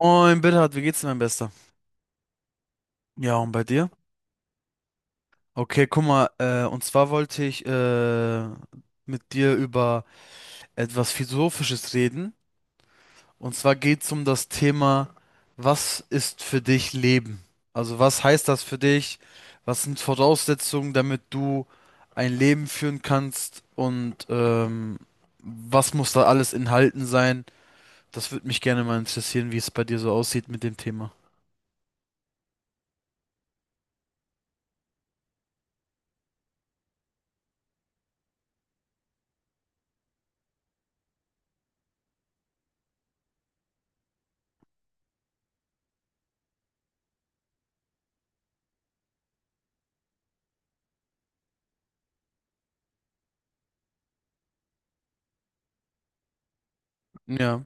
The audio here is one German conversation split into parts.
Moin, Bernhard, wie geht's dir, mein Bester? Ja, und bei dir? Okay, guck mal, und zwar wollte ich mit dir über etwas Philosophisches reden. Und zwar geht's um das Thema, was ist für dich Leben? Also was heißt das für dich? Was sind Voraussetzungen, damit du ein Leben führen kannst? Und was muss da alles enthalten sein? Das würde mich gerne mal interessieren, wie es bei dir so aussieht mit dem Thema. Ja.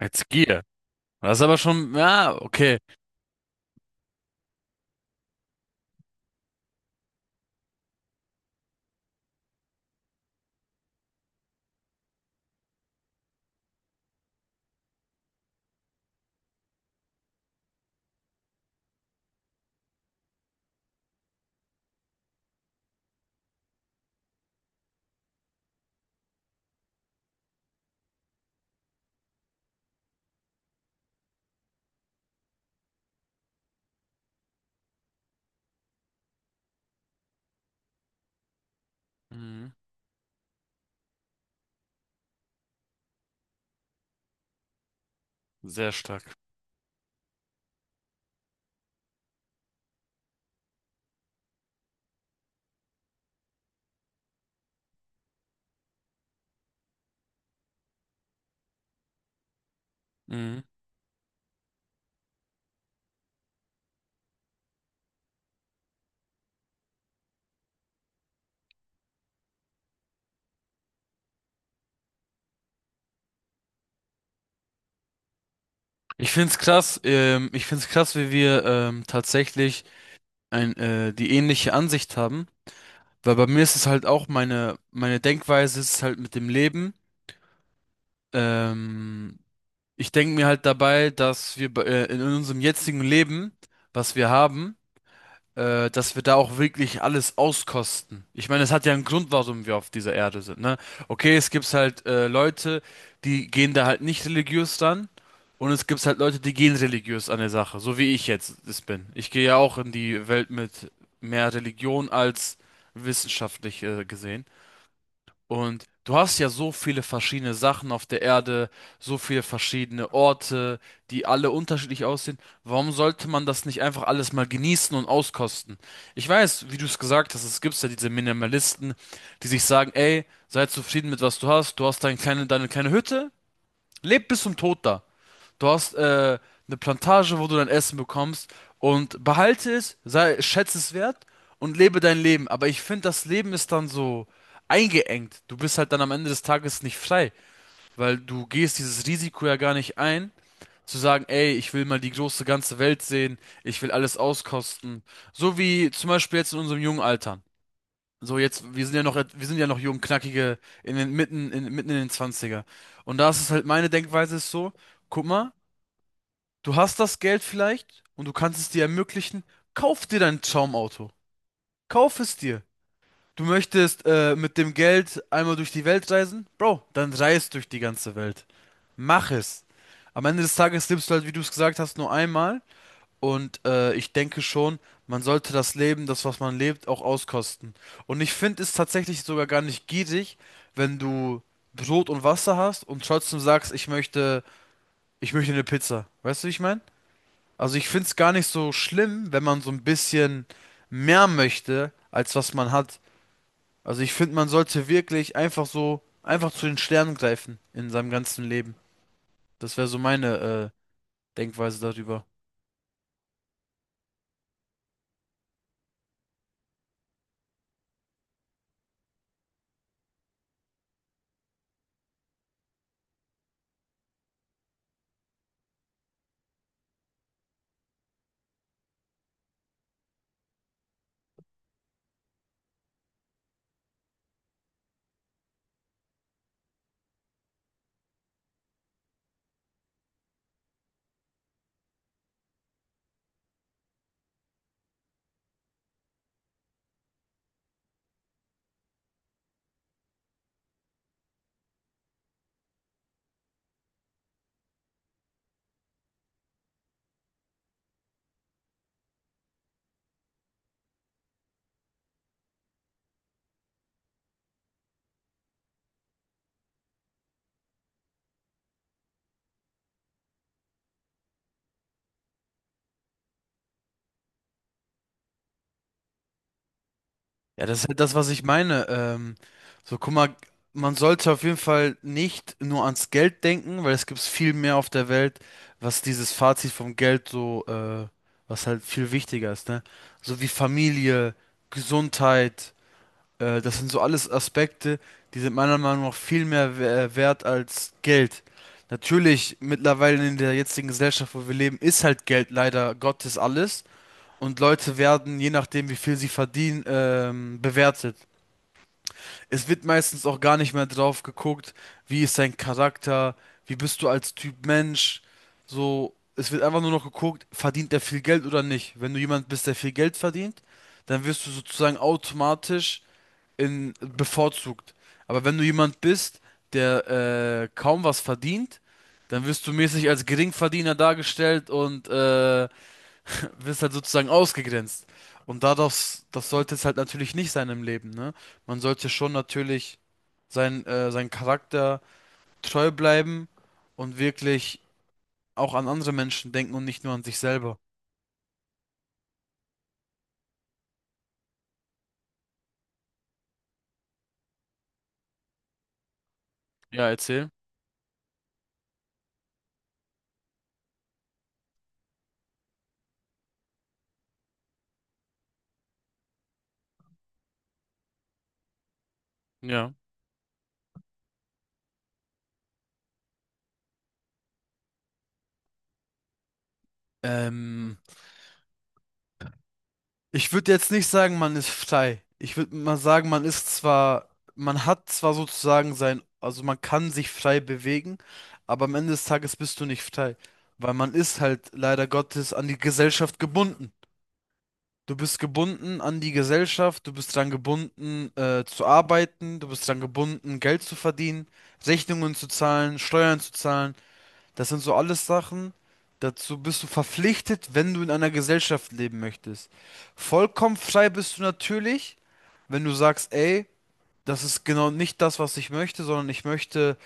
Jetzt geh. Das ist aber schon, ja, okay. Mhm. Sehr stark. Mhm. Ich find's krass, wie wir tatsächlich die ähnliche Ansicht haben. Weil bei mir ist es halt auch meine Denkweise ist halt mit dem Leben. Ähm, Ich denke mir halt dabei, dass wir in unserem jetzigen Leben, was wir haben, dass wir da auch wirklich alles auskosten. Ich meine, es hat ja einen Grund, warum wir auf dieser Erde sind, ne? Okay, es gibt halt Leute, die gehen da halt nicht religiös dann, und es gibt halt Leute, die gehen religiös an der Sache, so wie ich jetzt es bin. Ich gehe ja auch in die Welt mit mehr Religion als wissenschaftlich gesehen. Und du hast ja so viele verschiedene Sachen auf der Erde, so viele verschiedene Orte, die alle unterschiedlich aussehen. Warum sollte man das nicht einfach alles mal genießen und auskosten? Ich weiß, wie du es gesagt hast, es gibt ja diese Minimalisten, die sich sagen, ey, sei zufrieden mit was du hast deine kleine Hütte, leb bis zum Tod da. Du hast eine Plantage, wo du dein Essen bekommst und behalte es, sei, schätze es wert und lebe dein Leben. Aber ich finde, das Leben ist dann so eingeengt. Du bist halt dann am Ende des Tages nicht frei, weil du gehst dieses Risiko ja gar nicht ein, zu sagen, ey, ich will mal die große ganze Welt sehen, ich will alles auskosten. So wie zum Beispiel jetzt in unserem jungen Alter. So jetzt, wir sind ja noch jung, knackige, in den, mitten, in, mitten in den Zwanziger. Und da ist es halt, meine Denkweise ist so, guck mal, du hast das Geld vielleicht und du kannst es dir ermöglichen. Kauf dir dein Traumauto. Kauf es dir. Du möchtest mit dem Geld einmal durch die Welt reisen? Bro, dann reist durch die ganze Welt. Mach es. Am Ende des Tages lebst du halt, wie du es gesagt hast, nur einmal. Und ich denke schon, man sollte das Leben, das, was man lebt, auch auskosten. Und ich finde es tatsächlich sogar gar nicht gierig, wenn du Brot und Wasser hast und trotzdem sagst, ich möchte eine Pizza. Weißt du, wie ich meine? Also ich finde es gar nicht so schlimm, wenn man so ein bisschen mehr möchte, als was man hat. Also ich finde, man sollte wirklich einfach so, einfach zu den Sternen greifen in seinem ganzen Leben. Das wäre so meine Denkweise darüber. Ja, das ist halt das, was ich meine. So, guck mal, man sollte auf jeden Fall nicht nur ans Geld denken, weil es gibt viel mehr auf der Welt, was dieses Fazit vom Geld so, was halt viel wichtiger ist, ne? So wie Familie, Gesundheit. Das sind so alles Aspekte, die sind meiner Meinung nach viel mehr wert als Geld. Natürlich, mittlerweile in der jetzigen Gesellschaft, wo wir leben, ist halt Geld leider Gottes alles. Und Leute werden, je nachdem, wie viel sie verdienen, bewertet. Es wird meistens auch gar nicht mehr drauf geguckt, wie ist dein Charakter, wie bist du als Typ Mensch. So, es wird einfach nur noch geguckt, verdient er viel Geld oder nicht. Wenn du jemand bist, der viel Geld verdient, dann wirst du sozusagen automatisch bevorzugt. Aber wenn du jemand bist, der kaum was verdient, dann wirst du mäßig als Geringverdiener dargestellt und wirst halt sozusagen ausgegrenzt. Und das sollte es halt natürlich nicht sein im Leben, ne? Man sollte schon natürlich sein Charakter treu bleiben und wirklich auch an andere Menschen denken und nicht nur an sich selber. Ja, erzähl. Ja. Ähm, ich würde jetzt nicht sagen, man ist frei. Ich würde mal sagen, man hat zwar sozusagen sein, also man kann sich frei bewegen, aber am Ende des Tages bist du nicht frei, weil man ist halt leider Gottes an die Gesellschaft gebunden. Du bist gebunden an die Gesellschaft, du bist dran gebunden, zu arbeiten, du bist dran gebunden, Geld zu verdienen, Rechnungen zu zahlen, Steuern zu zahlen. Das sind so alles Sachen, dazu bist du verpflichtet, wenn du in einer Gesellschaft leben möchtest. Vollkommen frei bist du natürlich, wenn du sagst, ey, das ist genau nicht das, was ich möchte, sondern ich möchte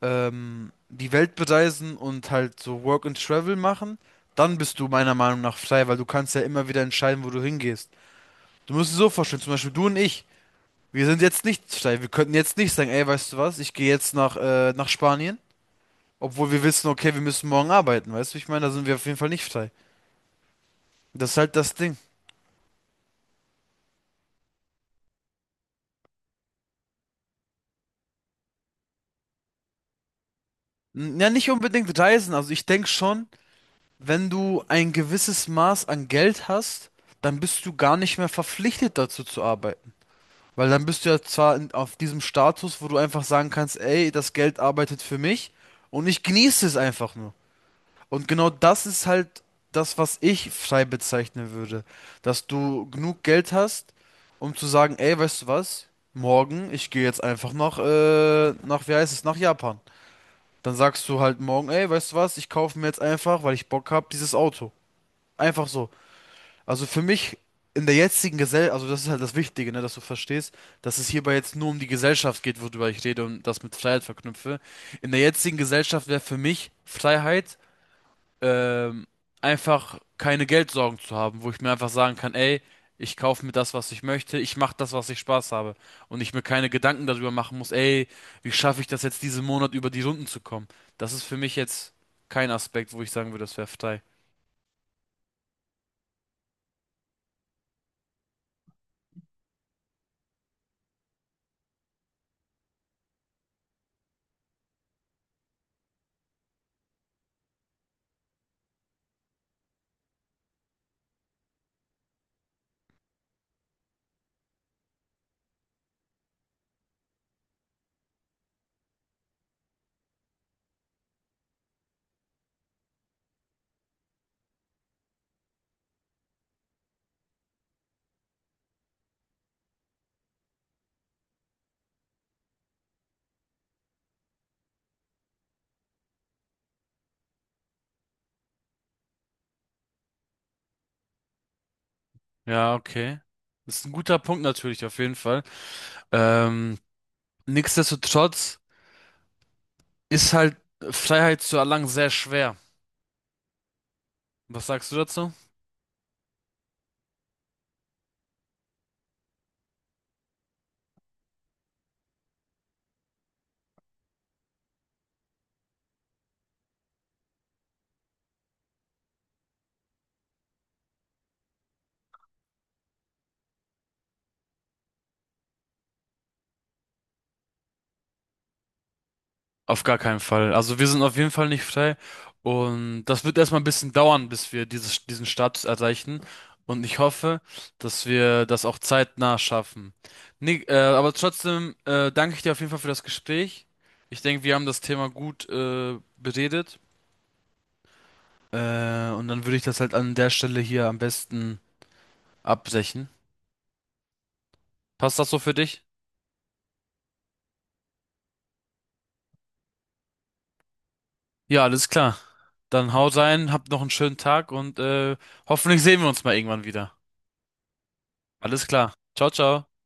die Welt bereisen und halt so Work and Travel machen. Dann bist du meiner Meinung nach frei, weil du kannst ja immer wieder entscheiden, wo du hingehst. Du musst es so vorstellen, zum Beispiel du und ich. Wir sind jetzt nicht frei. Wir könnten jetzt nicht sagen, ey, weißt du was, ich gehe jetzt nach Spanien. Obwohl wir wissen, okay, wir müssen morgen arbeiten, weißt du? Ich meine, da sind wir auf jeden Fall nicht frei. Das ist halt das Ding. N- Ja, nicht unbedingt reisen. Also ich denke schon, wenn du ein gewisses Maß an Geld hast, dann bist du gar nicht mehr verpflichtet dazu zu arbeiten. Weil dann bist du ja zwar in, auf diesem Status, wo du einfach sagen kannst, ey, das Geld arbeitet für mich und ich genieße es einfach nur. Und genau das ist halt das, was ich frei bezeichnen würde. Dass du genug Geld hast, um zu sagen, ey, weißt du was? Morgen, ich gehe jetzt einfach wie heißt es, nach Japan. Dann sagst du halt morgen, ey, weißt du was? Ich kaufe mir jetzt einfach, weil ich Bock habe, dieses Auto. Einfach so. Also für mich in der jetzigen Gesellschaft, also das ist halt das Wichtige, ne, dass du verstehst, dass es hierbei jetzt nur um die Gesellschaft geht, worüber ich rede und das mit Freiheit verknüpfe. In der jetzigen Gesellschaft wäre für mich Freiheit ähm, einfach keine Geldsorgen zu haben, wo ich mir einfach sagen kann, ey, ich kaufe mir das, was ich möchte, ich mache das, was ich Spaß habe und ich mir keine Gedanken darüber machen muss, ey, wie schaffe ich das jetzt diesen Monat über die Runden zu kommen? Das ist für mich jetzt kein Aspekt, wo ich sagen würde, das wäre frei. Ja, okay. Das ist ein guter Punkt natürlich, auf jeden Fall. Ähm, nichtsdestotrotz ist halt Freiheit zu erlangen sehr schwer. Was sagst du dazu? Auf gar keinen Fall. Also wir sind auf jeden Fall nicht frei. Und das wird erstmal ein bisschen dauern, bis diesen Status erreichen. Und ich hoffe, dass wir das auch zeitnah schaffen. Nick, aber trotzdem danke ich dir auf jeden Fall für das Gespräch. Ich denke, wir haben das Thema gut beredet. Und dann würde ich das halt an der Stelle hier am besten abbrechen. Passt das so für dich? Ja, alles klar. Dann haut rein, habt noch einen schönen Tag und hoffentlich sehen wir uns mal irgendwann wieder. Alles klar. Ciao, ciao.